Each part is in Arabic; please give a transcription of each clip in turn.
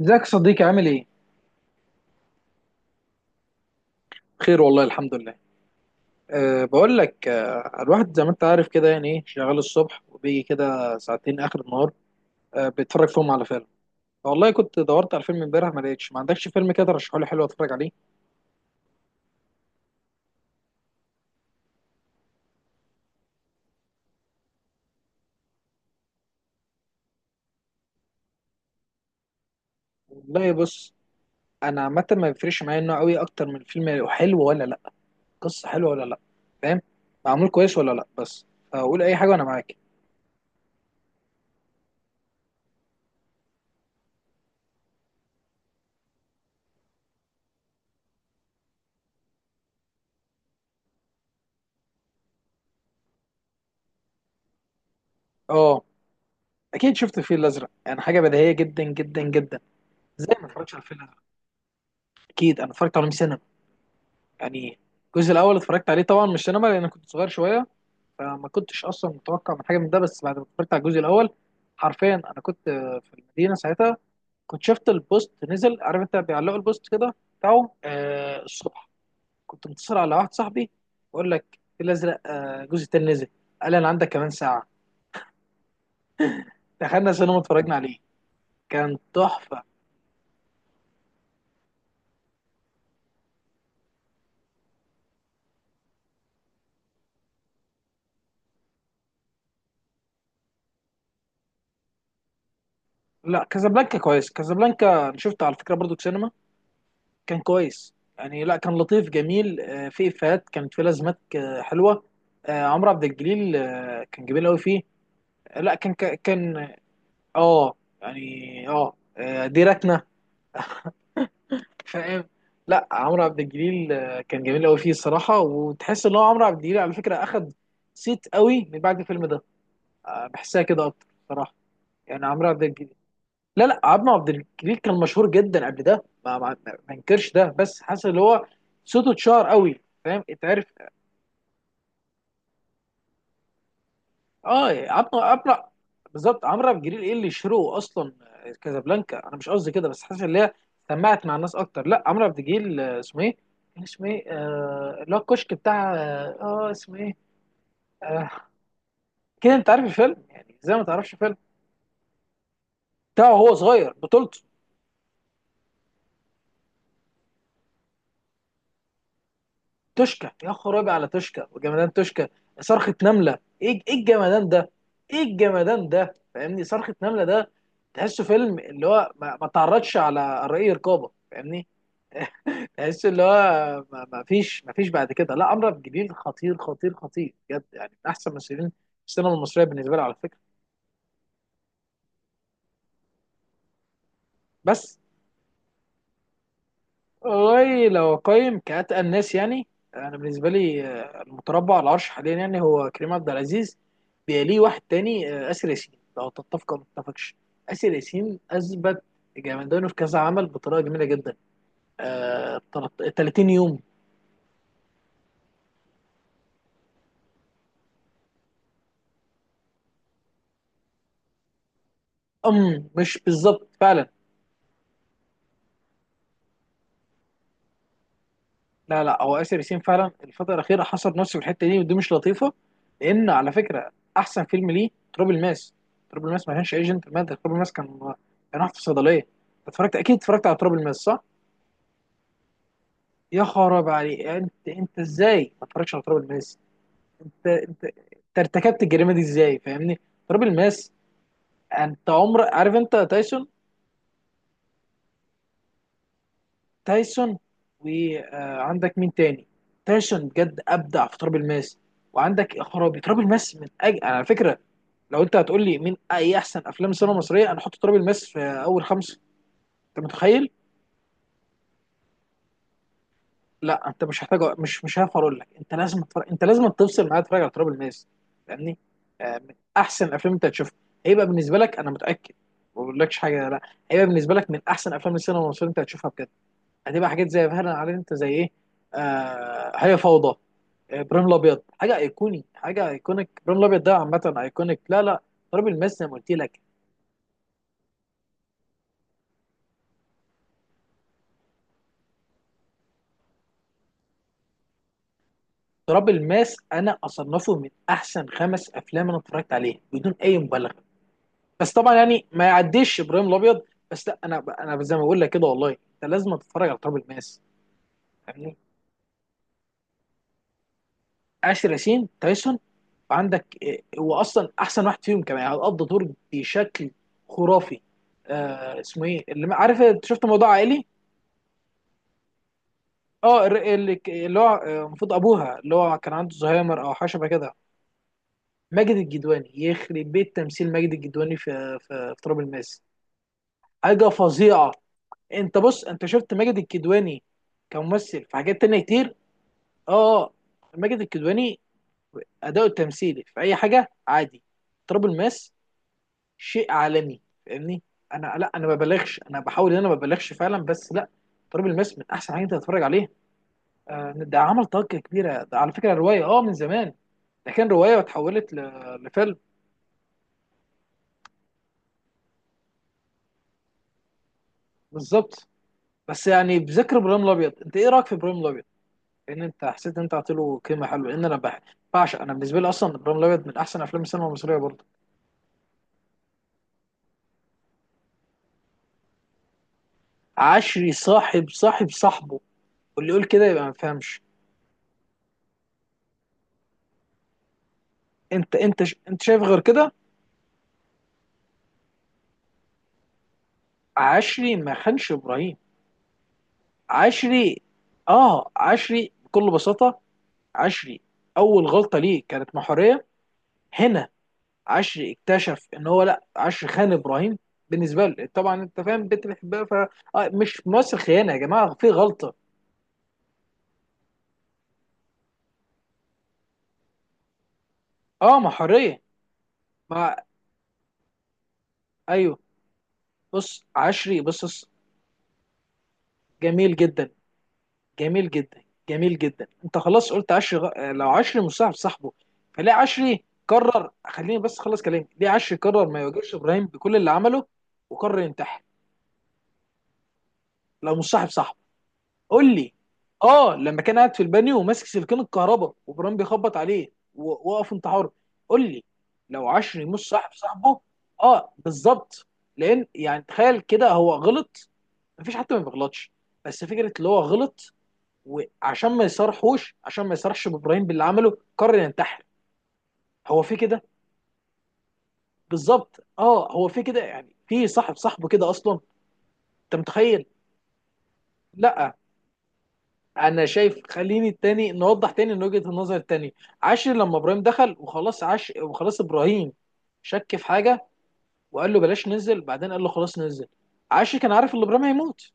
ازيك يا صديقي عامل ايه؟ بخير والله الحمد لله. بقول لك الواحد زي ما انت عارف كده يعني ايه شغال الصبح وبيجي كده ساعتين اخر النهار. بيتفرج فيهم على فيلم. والله كنت دورت على فيلم امبارح ما لقيتش، ما عندكش فيلم كده ترشحه لي حلو اتفرج عليه؟ والله بص، انا عامة ما بيفرقش معايا النوع قوي اكتر من الفيلم حلو ولا لا، قصة حلوة ولا لا، فاهم؟ معمول كويس ولا لا، بس فقول اي حاجة وانا معاك. اه، اكيد شفت الفيل الازرق، يعني حاجة بديهية جدا جدا جدا. ازاي ما اتفرجتش على الفيل الازرق؟ اكيد انا اتفرجت عليه 100 سنة يعني. الجزء الاول اتفرجت عليه طبعا مش سينما لان كنت صغير شويه، فما كنتش اصلا متوقع من حاجه من ده. بس بعد ما اتفرجت على الجزء الاول حرفيا انا كنت في المدينه ساعتها، كنت شفت البوست نزل. عارف انت بيعلقوا البوست كده بتاعهم الصبح. كنت متصل على واحد صاحبي، بقول لك في الازرق الجزء التاني نزل. قال لي انا عندك كمان ساعه. دخلنا سينما اتفرجنا عليه، كان تحفه. لا، كازابلانكا كويس. كازابلانكا انا شفته على فكره برضو في سينما. كان كويس يعني، لا كان لطيف جميل، في افيهات كانت، في لازمات حلوه. عمرو عبد الجليل كان جميل قوي فيه. لا كان اه يعني، ديرتنا، فاهم؟ لا، عمرو عبد الجليل كان جميل قوي فيه الصراحه، وتحس ان هو عمرو عبد الجليل على فكره اخد صيت قوي من بعد الفيلم ده. بحسها كده اكتر صراحه. يعني عمرو عبد الجليل، لا لا، عمرو عبد الجليل كان مشهور جدا قبل ده، ما انكرش ده، بس حاسس ان هو صوته اتشهر قوي، فاهم؟ اتعرف؟ اه، عمرو بالظبط، عمرو عبد الجليل ايه اللي شروه اصلا؟ كازابلانكا انا مش قصدي كده، بس حاسس ان هي سمعت مع الناس اكتر. لا، عمرو عبد الجليل اسمه ايه؟ كان اسمه ايه اللي هو الكشك بتاع، اسمه ايه آه، كده؟ انت عارف الفيلم، يعني ازاي ما تعرفش فيلم بتاعه هو صغير بطولته؟ توشكا، يا خرابي على توشكا وجمدان توشكا. صرخة نملة، ايه الجمدان ده؟ ايه الجمدان ده؟ فاهمني؟ صرخة نملة ده تحسه فيلم اللي هو ما تعرضش على رأي رقابة، فاهمني؟ تحس اللي هو ما فيش بعد كده، لا، اشرف جبير خطير خطير خطير بجد، يعني من احسن ممثلين السينما المصريه بالنسبه لي على فكره. بس والله لو اقيم كاتقى الناس يعني، انا بالنسبه لي المتربع على العرش حاليا يعني هو كريم عبد العزيز. بيليه واحد تاني اسر ياسين لو تتفق او ما تتفقش. اسر ياسين اثبت جامدانه في كذا عمل بطريقه جميله جدا، آه، 30 يوم. مش بالظبط فعلا. لا لا، هو آسر ياسين فعلا الفترة الأخيرة حصر نفسه في الحتة دي، ودي مش لطيفة. لأن على فكرة أحسن فيلم ليه تراب الماس. تراب الماس ما كانش ايجنت مادة، تراب الماس كان واحد في صيدلية. اتفرجت، أكيد اتفرجت على تراب الماس صح؟ يا خراب عليك! أنت إزاي ما اتفرجتش على تراب الماس؟ أنت ارتكبت الجريمة دي إزاي، فاهمني؟ تراب الماس. أنت عمر عارف أنت تايسون. تايسون، وعندك مين تاني؟ تايسون بجد أبدع في تراب الماس. وعندك يا خرابي تراب الماس من أجل، على فكرة لو انت هتقول لي مين اي احسن افلام السينما المصريه، انا احط تراب الماس في اول خمسه. انت متخيل؟ لا انت مش محتاج، مش هعرف اقول لك، انت لازم تتفرج، انت لازم تفصل معايا تتفرج على تراب الماس، فاهمني؟ من احسن افلام انت هتشوفها. هيبقى بالنسبه لك انا متاكد، ما بقولكش حاجه، لا، هيبقى بالنسبه لك من احسن افلام السينما المصريه انت هتشوفها بجد. هتبقى حاجات زي، فعلا عارف انت زي ايه، آه، هي فوضى، ابراهيم الابيض، حاجه ايقوني، حاجه ايكونيك. ابراهيم الابيض ده عامه ايكونيك، لا لا، تراب الماس زي ما قلت لك. تراب الماس انا اصنفه من احسن خمس افلام انا اتفرجت عليها بدون اي مبالغه. بس طبعا يعني ما يعديش ابراهيم الابيض. بس لا، انا زي ما بقول لك كده، والله انت لازم تتفرج على تراب الماس، فاهمني؟ آسر ياسين، تايسون، وعندك إيه، هو اصلا احسن واحد فيهم كمان يعني، قضى دور بشكل خرافي. آه اسمه ايه اللي عارف انت شفت موضوع عائلي؟ اه، اللي هو المفروض ابوها اللي هو كان عنده زهايمر او حاجه شبه كده. ماجد الجدواني، يخرب بيت تمثيل ماجد الجدواني في في تراب الماس. حاجه فظيعه. انت بص، انت شفت ماجد الكدواني كممثل في حاجات تانية كتير؟ اه اه، ماجد الكدواني اداؤه التمثيلي في اي حاجه عادي، تراب الماس شيء عالمي، فاهمني؟ انا لا، انا ما ببالغش، انا بحاول ان انا ما ببالغش فعلا، بس لا، تراب الماس من احسن حاجه انت تتفرج عليها. ده عمل ضجه كبيره، ده على فكره روايه من زمان. ده كان روايه واتحولت لفيلم. بالظبط، بس يعني بذكر ابراهيم الابيض، انت ايه رايك في ابراهيم الابيض؟ لان انت حسيت ان انت عطيت له قيمه حلوه، لان انا بعشق، انا بالنسبه لي اصلا ابراهيم الابيض من احسن افلام السينما المصريه برضه. عشري صاحب صاحبه، واللي يقول كده يبقى ما فهمش. انت شايف غير كده؟ عشري ما خانش ابراهيم. عشري، اه، عشري بكل بساطه، عشري اول غلطه ليه كانت محوريه هنا. عشري اكتشف ان هو، لا، عشري خان ابراهيم بالنسبه له طبعا، انت فاهم، البنت بتحبها، ف مش ممثل خيانه يا جماعه، في غلطه. اه، ما حريه، ما، ايوه. بص عشري، بص بص، جميل جدا، جميل جدا، جميل جدا. انت خلاص قلت عشري غ... آه، لو عشري مصاحب صاحبه، فليه عشري قرر، خليني بس اخلص كلامي، ليه عشري قرر ما يواجهش ابراهيم بكل اللي عمله وقرر ينتحر لو مصاحب صاحبه؟ قول لي. اه، لما كان قاعد في البانيو وماسك سلكين الكهرباء وبرام بيخبط عليه ووقف انتحاره، قول لي لو عشري مش صاحب صاحبه. اه بالظبط، لان يعني تخيل كده، هو غلط، مفيش حد ما بيغلطش، بس فكره اللي هو غلط وعشان ما يصرحوش عشان ما يصرحش بابراهيم باللي عمله قرر ينتحر. هو في كده؟ بالظبط، اه هو في كده، يعني في صاحب صاحبه كده اصلا، انت متخيل؟ لا انا شايف، خليني التاني نوضح تاني من وجهة النظر التاني. عاشر لما ابراهيم دخل وخلاص، عاش وخلاص، ابراهيم شك في حاجه وقال له بلاش ننزل بعدين، قال له خلاص ننزل. عاشر كان عارف ان ابراهيم هيموت.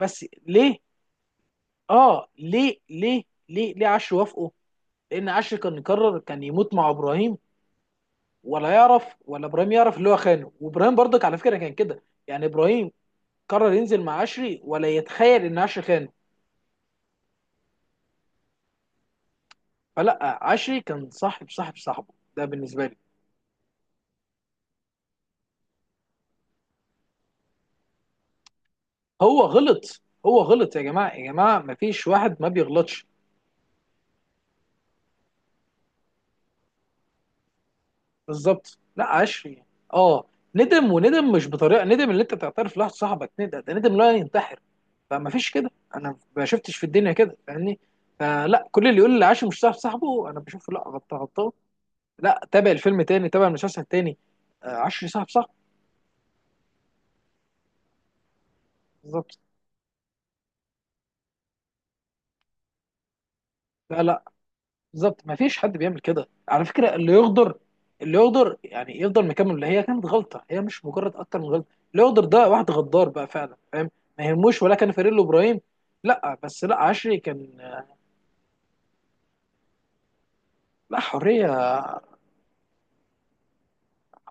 بس ليه؟ اه ليه، ليه ليه، ليه عاشر وافقه؟ لان عاشر كان يقرر كان يموت مع ابراهيم، ولا يعرف ولا ابراهيم يعرف اللي هو خانه. وابراهيم برضك على فكره كان كده يعني، ابراهيم قرر ينزل مع عشري ولا يتخيل ان عشري خانه. فلا، عشري كان صاحب صاحبه ده بالنسبه لي. هو غلط، هو غلط، يا جماعه يا جماعه، ما فيش واحد ما بيغلطش. بالظبط، لا، عشري، اه، ندم، وندم مش بطريقه ندم اللي انت تعترف لواحد صاحبك. ندم ده ندم لا، ينتحر. فما فيش كده، انا ما شفتش في الدنيا كده، فاهمني؟ فلا، كل اللي يقول لي عاشر مش صاحب صاحبه انا بشوفه لا، غلطان غلطان. لا، تابع الفيلم تاني، تابع المسلسل تاني، عشري صاحب صاحبه. بالظبط، لا لا، بالظبط ما فيش حد بيعمل كده على فكره. اللي يغدر، اللي يغدر يعني يفضل مكمل، اللي هي كانت غلطه هي، مش مجرد اكتر من غلطه، اللي يغدر ده واحد غدار بقى فعلا، فاهم؟ ما يهموش ولا كان فريق ابراهيم. لا بس لا، عشري كان، لا، حريه،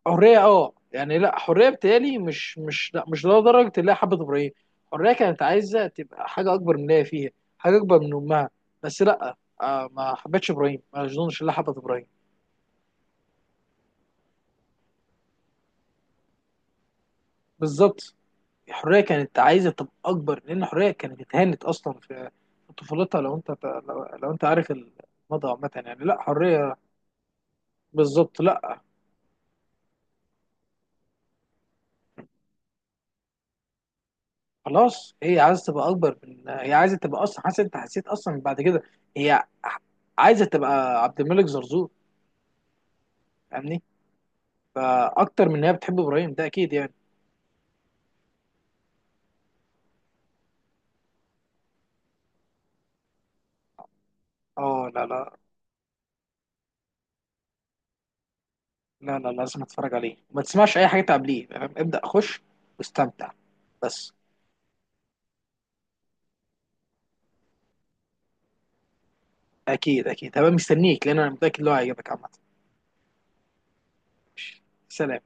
حريه اه يعني، لا حريه بتالي مش، مش لا مش لدرجه اللي هي حبت ابراهيم. حريه كانت عايزه تبقى حاجه اكبر من اللي هي فيها، حاجه اكبر من امها، بس لا، آه ما حبتش ابراهيم ما اظنش اللي حبت ابراهيم. بالظبط، الحريه كانت عايزه تبقى اكبر، لان الحريه كانت اتهانت اصلا في طفولتها. لو انت لو انت عارف الماضي عامه، يعني لا، حريه. بالظبط، لا خلاص، هي عايزه تبقى اكبر من، هي عايزه تبقى اصلا، حاسس، انت حسيت اصلا بعد كده هي عايزه تبقى عبد الملك زرزور، فاهمني؟ فاكتر من ان هي بتحب ابراهيم، ده اكيد يعني. اه، لا لا، لا، لا لازم اتفرج عليه وما تسمعش اي حاجه تعبليه، فاهم؟ ابدا، خش واستمتع بس. اكيد اكيد، هبقى مستنيك، لان انا متاكد ان هو هيعجبك عامه. سلام.